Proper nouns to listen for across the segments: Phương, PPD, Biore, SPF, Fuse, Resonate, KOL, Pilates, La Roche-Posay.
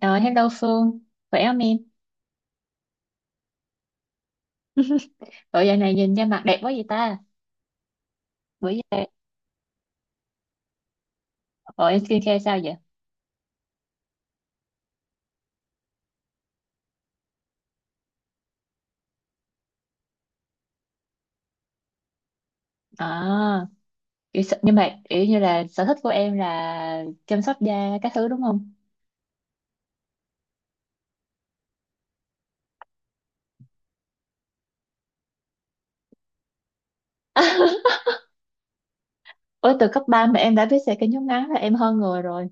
Ờ, Hello Phương, khỏe không em? Bộ giờ này nhìn ra mặt đẹp quá vậy ta? Bữa giờ, bộ em skincare sao vậy? À, nhưng mà kiểu như là sở thích của em là chăm sóc da các thứ đúng không? Ủa, từ cấp ba mà em đã biết xẻ cái nhún ngắn là em hơn người rồi.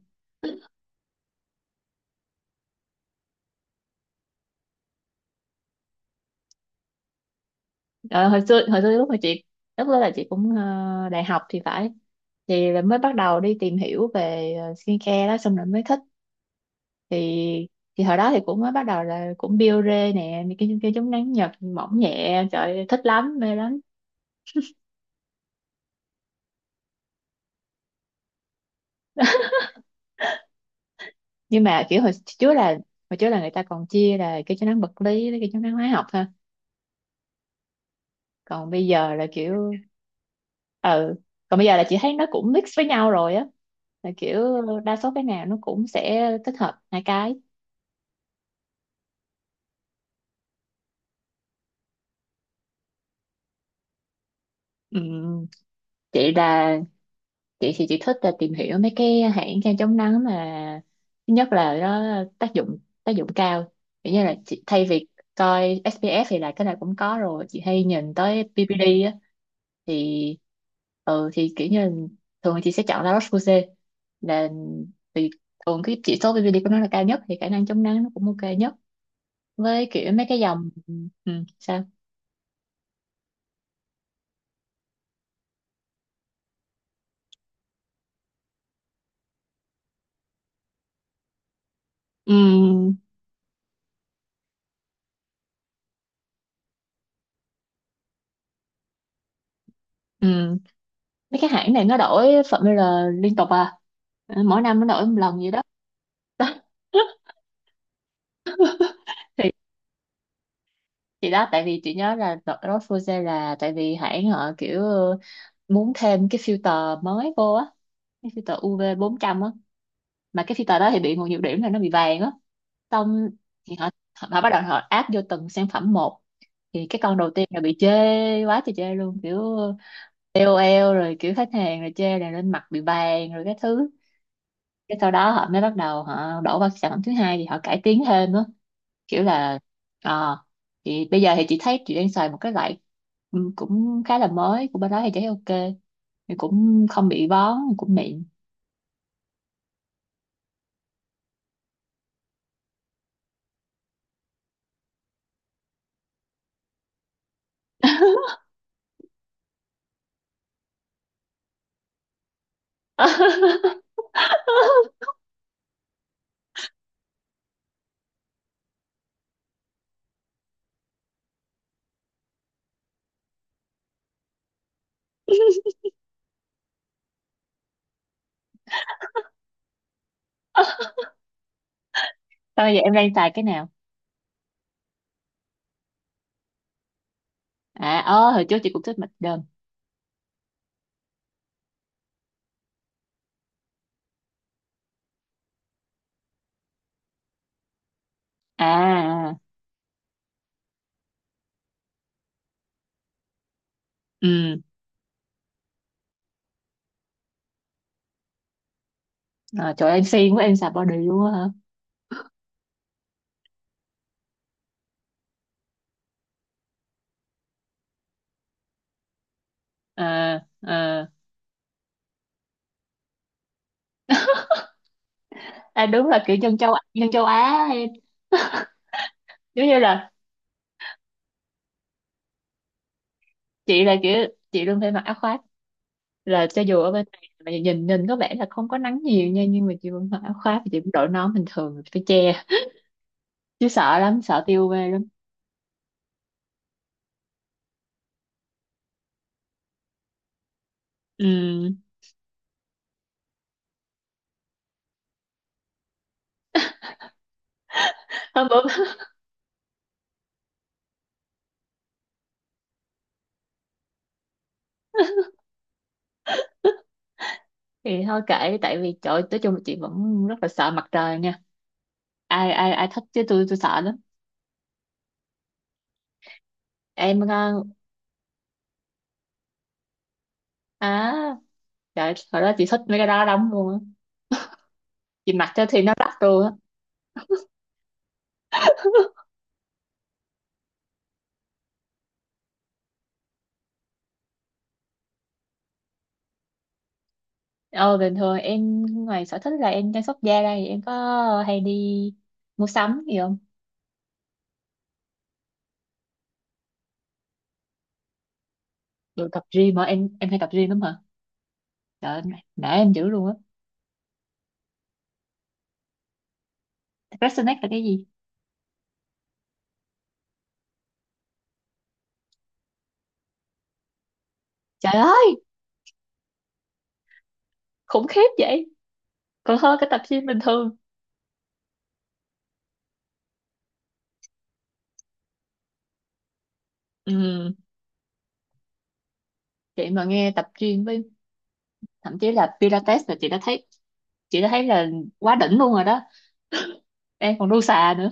Ờ, Hồi xưa lúc đó là chị cũng đại học thì phải. Thì là mới bắt đầu đi tìm hiểu về skincare đó xong rồi mới thích. thì thì hồi đó thì cũng mới bắt đầu là cũng biore nè, mấy cái chống nắng Nhật mỏng nhẹ, trời ơi, thích lắm mê lắm. Nhưng mà kiểu hồi trước là người ta còn chia là cái chống nắng vật lý với cái chống nắng hóa học, ha? còn bây giờ là kiểu ừ Còn bây giờ là chị thấy nó cũng mix với nhau rồi á, là kiểu đa số cái nào nó cũng sẽ tích hợp hai cái. Ừ. chị là chị thì chị thích là tìm hiểu mấy cái hãng kem chống nắng mà thứ nhất là nó tác dụng tác dụng cao, kiểu như là chị, thay vì coi SPF thì là cái này cũng có rồi, chị hay nhìn tới PPD á. thì thì kiểu như là thường chị sẽ chọn La Roche-Posay, là vì thường cái chỉ số PPD của nó là cao nhất thì khả năng chống nắng nó cũng ok nhất, với kiểu mấy cái dòng. ừ, Sao? ừ, ừ, Mấy cái hãng này nó đổi formula liên tục à? Ừ, mỗi năm nó đổi một lần gì đó. thì thì đó, tại vì chị nhớ là đợt đó Fuse là tại vì hãng họ kiểu muốn thêm cái filter mới vô á, cái filter UV trăm á, mà cái filter đó thì bị một nhược điểm là nó bị vàng á. Xong thì họ họ bắt đầu họ áp vô từng sản phẩm một, thì cái con đầu tiên là bị chê quá trời chê luôn, kiểu KOL rồi kiểu khách hàng rồi chê là lên mặt bị vàng, rồi cái thứ cái sau đó họ mới bắt đầu họ đổ vào sản phẩm thứ hai thì họ cải tiến thêm á, kiểu là ờ thì bây giờ thì chị thấy chị đang xài một cái loại, cũng khá là mới của bên đó, thì chị thấy ok, thì cũng không bị bón, cũng mịn. Sao bây giờ em đang xài cái nào? Ơ, hồi trước chị cũng thích mạch đơn. À, ừ. Trời ơi, em siêng quá, em xài body luôn á hả? À, à. À đúng là kiểu dân châu Á em, giống như là chị, là kiểu chị luôn phải mặc áo khoác, là cho dù ở bên này mà nhìn nhìn có vẻ là không có nắng nhiều nha, nhưng mà chị vẫn mặc áo khoác và chị vẫn đội nón bình thường rồi phải che. Chứ sợ lắm, sợ tiêu UV lắm. Ừ, hôm bữa. Thì thôi kệ, tại vì trời ơi, nói chung là chị vẫn rất là sợ mặt trời nha. Ai ai ai thích chứ tôi sợ lắm. Em à, trời, hồi đó chị thích mấy cái đó lắm luôn á, chị mặc cho thì nó đắt luôn á. Ờ Bình thường em ngoài sở thích là em chăm sóc da đây em có hay đi mua sắm gì không? Đồ tập gym hả em hay tập gym lắm hả? Trời ơi, nể em dữ luôn á. Resonate là cái gì? Trời ơi, khủng khiếp vậy. Còn hơn cái tập gym bình thường. Ừ, chị mà nghe tập gym với thậm chí là Pilates là chị đã thấy, chị đã thấy là quá đỉnh luôn rồi đó. Em còn đu xà nữa.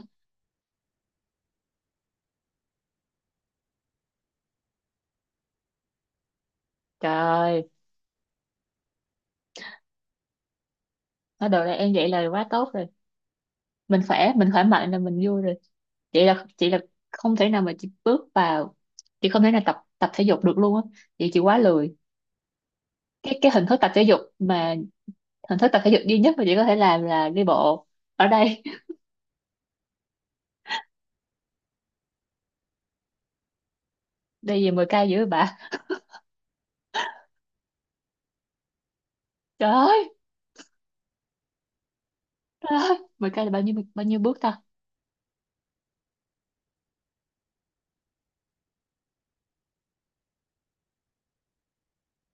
Trời ơi, nói đồ này em vậy là quá tốt rồi. Mình khỏe mạnh là mình vui rồi. Chị là không thể nào mà chị bước vào, chị không thể nào tập tập thể dục được luôn á. Chị quá lười. Cái hình thức tập thể dục mà hình thức tập thể dục duy nhất mà chị có thể làm là đi bộ ở đây. Đi về 10 cây dữ vậy bà? Trời ơi, trời ơi, 10k là bao nhiêu bước ta?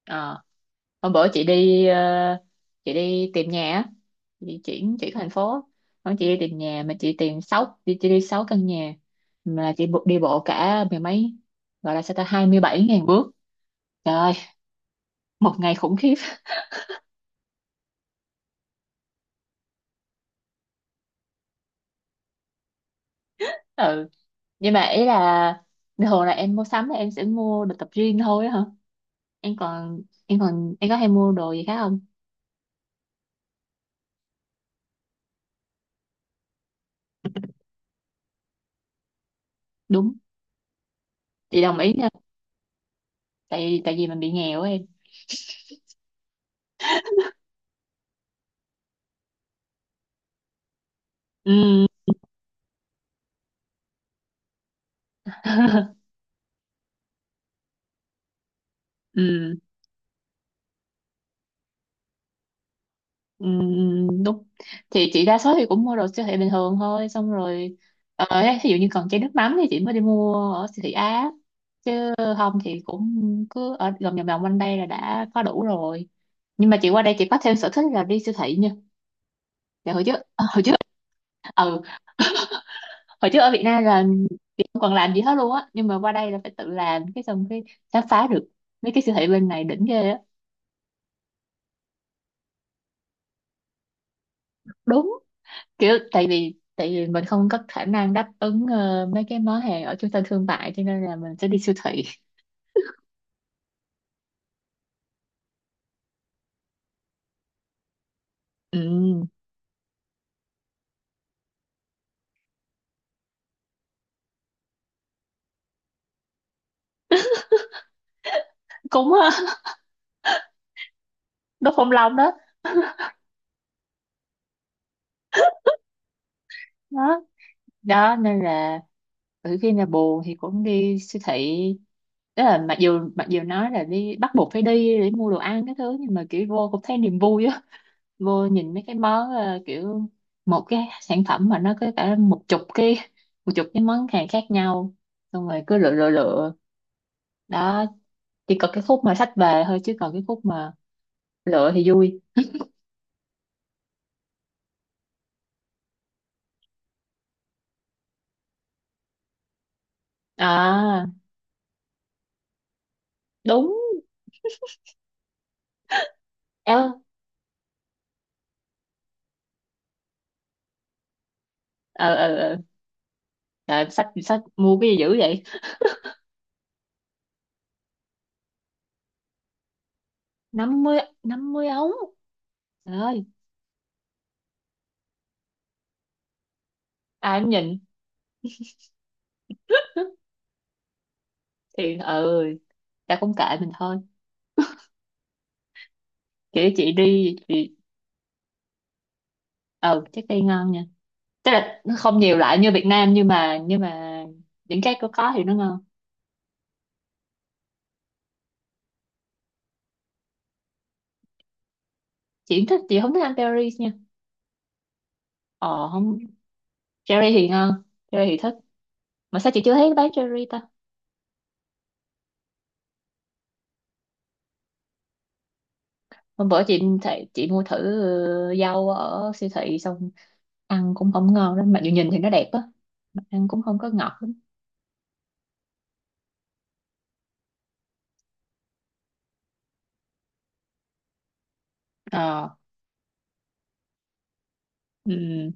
ờ Hôm bữa chị đi chị đi tìm nhà á, chị chuyển chuyển thành phố. Hôm chị đi tìm nhà mà chị đi sáu căn nhà, mà đi bộ cả mười mấy, gọi là sao ta, 27.000 bước. Trời ơi, một ngày khủng khiếp. Ừ, nhưng mà ý là thường là em mua sắm là em sẽ mua đồ tập gym thôi á hả? Em còn em còn Em có hay mua đồ gì khác không? Đúng, chị đồng ý nha, tại tại vì mình bị nghèo á em. Ừ. ừ, ừ, đúng. Thì chị đa số thì cũng mua đồ siêu thị bình thường thôi, xong rồi ấy, ví dụ như còn chai nước mắm thì chị mới đi mua ở siêu thị Á, chứ không thì cũng cứ ở vòng vòng vòng quanh đây là đã có đủ rồi. Nhưng mà chị qua đây chị có thêm sở thích là đi siêu thị nha. Dạ, hồi trước. Ừ Hồi trước ở Việt Nam là chị không còn làm gì hết luôn á, nhưng mà qua đây là phải tự làm, cái xong cái khám phá được mấy cái siêu thị bên này đỉnh ghê á. Đúng, kiểu tại vì mình không có khả năng đáp ứng mấy cái món hàng ở trung tâm thương mại, cho nên là mình sẽ đi siêu thị. ừ, Cũng đốt phong long đó. Đó, đó nên là khi nào buồn thì cũng đi siêu thị. Đó là, mặc dù nói là đi bắt buộc phải đi để mua đồ ăn cái thứ, nhưng mà kiểu vô cũng thấy niềm vui á. Vô nhìn mấy cái món kiểu một cái sản phẩm mà nó có cả một chục cái món hàng khác nhau, xong rồi cứ lựa lựa lựa. Đó, chỉ có cái khúc mà xách về thôi chứ còn cái khúc mà lựa thì vui. À, đúng. ờ ờ. Trời ơi, xách xách mua cái gì dữ vậy? 50 ống? Trời ơi, ai cũng nhìn. Thì ừ, ta cũng kệ mình thôi, kiểu chị đi thì ừ, trái cây ngon nha. Tức là nó không nhiều loại như Việt Nam, nhưng mà những cái có thì nó ngon. Chị không thích ăn berries nha. Ờ không, cherry thì ngon, cherry thì thích, mà sao chị chưa thấy bán cherry ta? Hôm bữa chị thấy chị mua thử rau ở siêu thị, xong ăn cũng không ngon lắm, mặc dù nhìn thì nó đẹp á, mà ăn cũng không có ngọt lắm. ờ ừ.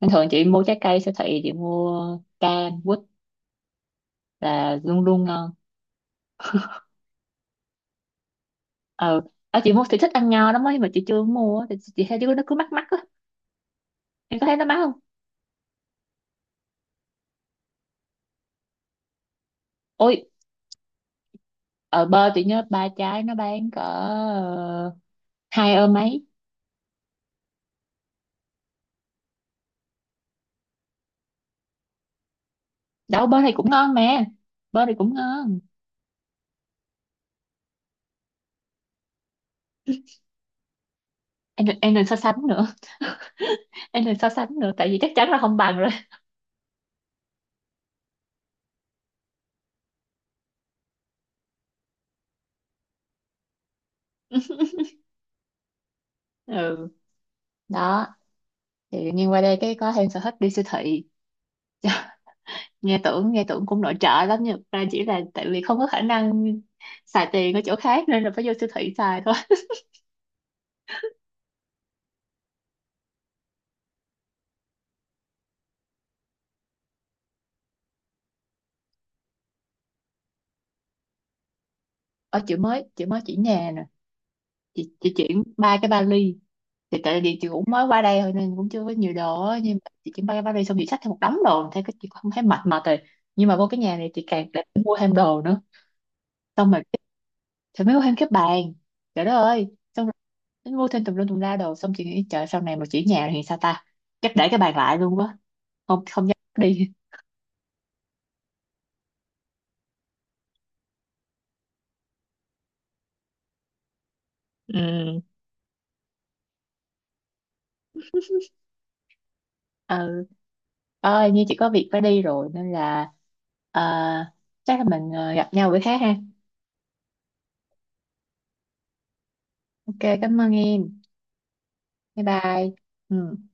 Bình thường chị mua trái cây siêu thị chị mua cam quýt là luôn luôn ngon. ờ Ở chị mua thì thích ăn nho lắm ấy, mà chị chưa mua á, thì chị thấy đứa nó cứ mắc mắc á. Em có thấy nó mắc không? Ôi, ở bơ chị nhớ ba trái nó bán cỡ hai ơ mấy. Đâu, bơ này cũng ngon mà, bơ này cũng ngon em đừng so sánh nữa, tại vì chắc chắn là không bằng rồi. Ừ, đó. Thì nhưng qua đây cái có thêm sở thích đi siêu thị, nghe tưởng cũng nội trợ lắm nhưng ra chỉ là tại vì không có khả năng xài tiền ở chỗ khác nên là phải vô siêu thị xài thôi. Ở chị mới chuyển nhà nè, chị chuyển ba cái vali. Thì tại vì chị cũng mới qua đây thôi nên cũng chưa có nhiều đồ á, nhưng mà chị chuyển ba cái vali xong chị xách thêm một đống đồ thế cái chị không thấy mệt mệt rồi. Nhưng mà vô cái nhà này chị càng lại phải mua thêm đồ nữa, xong rồi thì mới mua thêm cái bàn, trời đất ơi. Xong tính vô thêm tùm lum tùm la đồ, xong chị nghĩ trời sau này mà chuyển nhà thì sao ta? Chắc để cái bàn lại luôn quá, không không dám đi. Ừ. Ừ, ơi như chị có việc phải đi rồi nên là ờ, chắc là mình gặp nhau bữa khác ha? Ok, cảm ơn em. Bye bye. Ừ.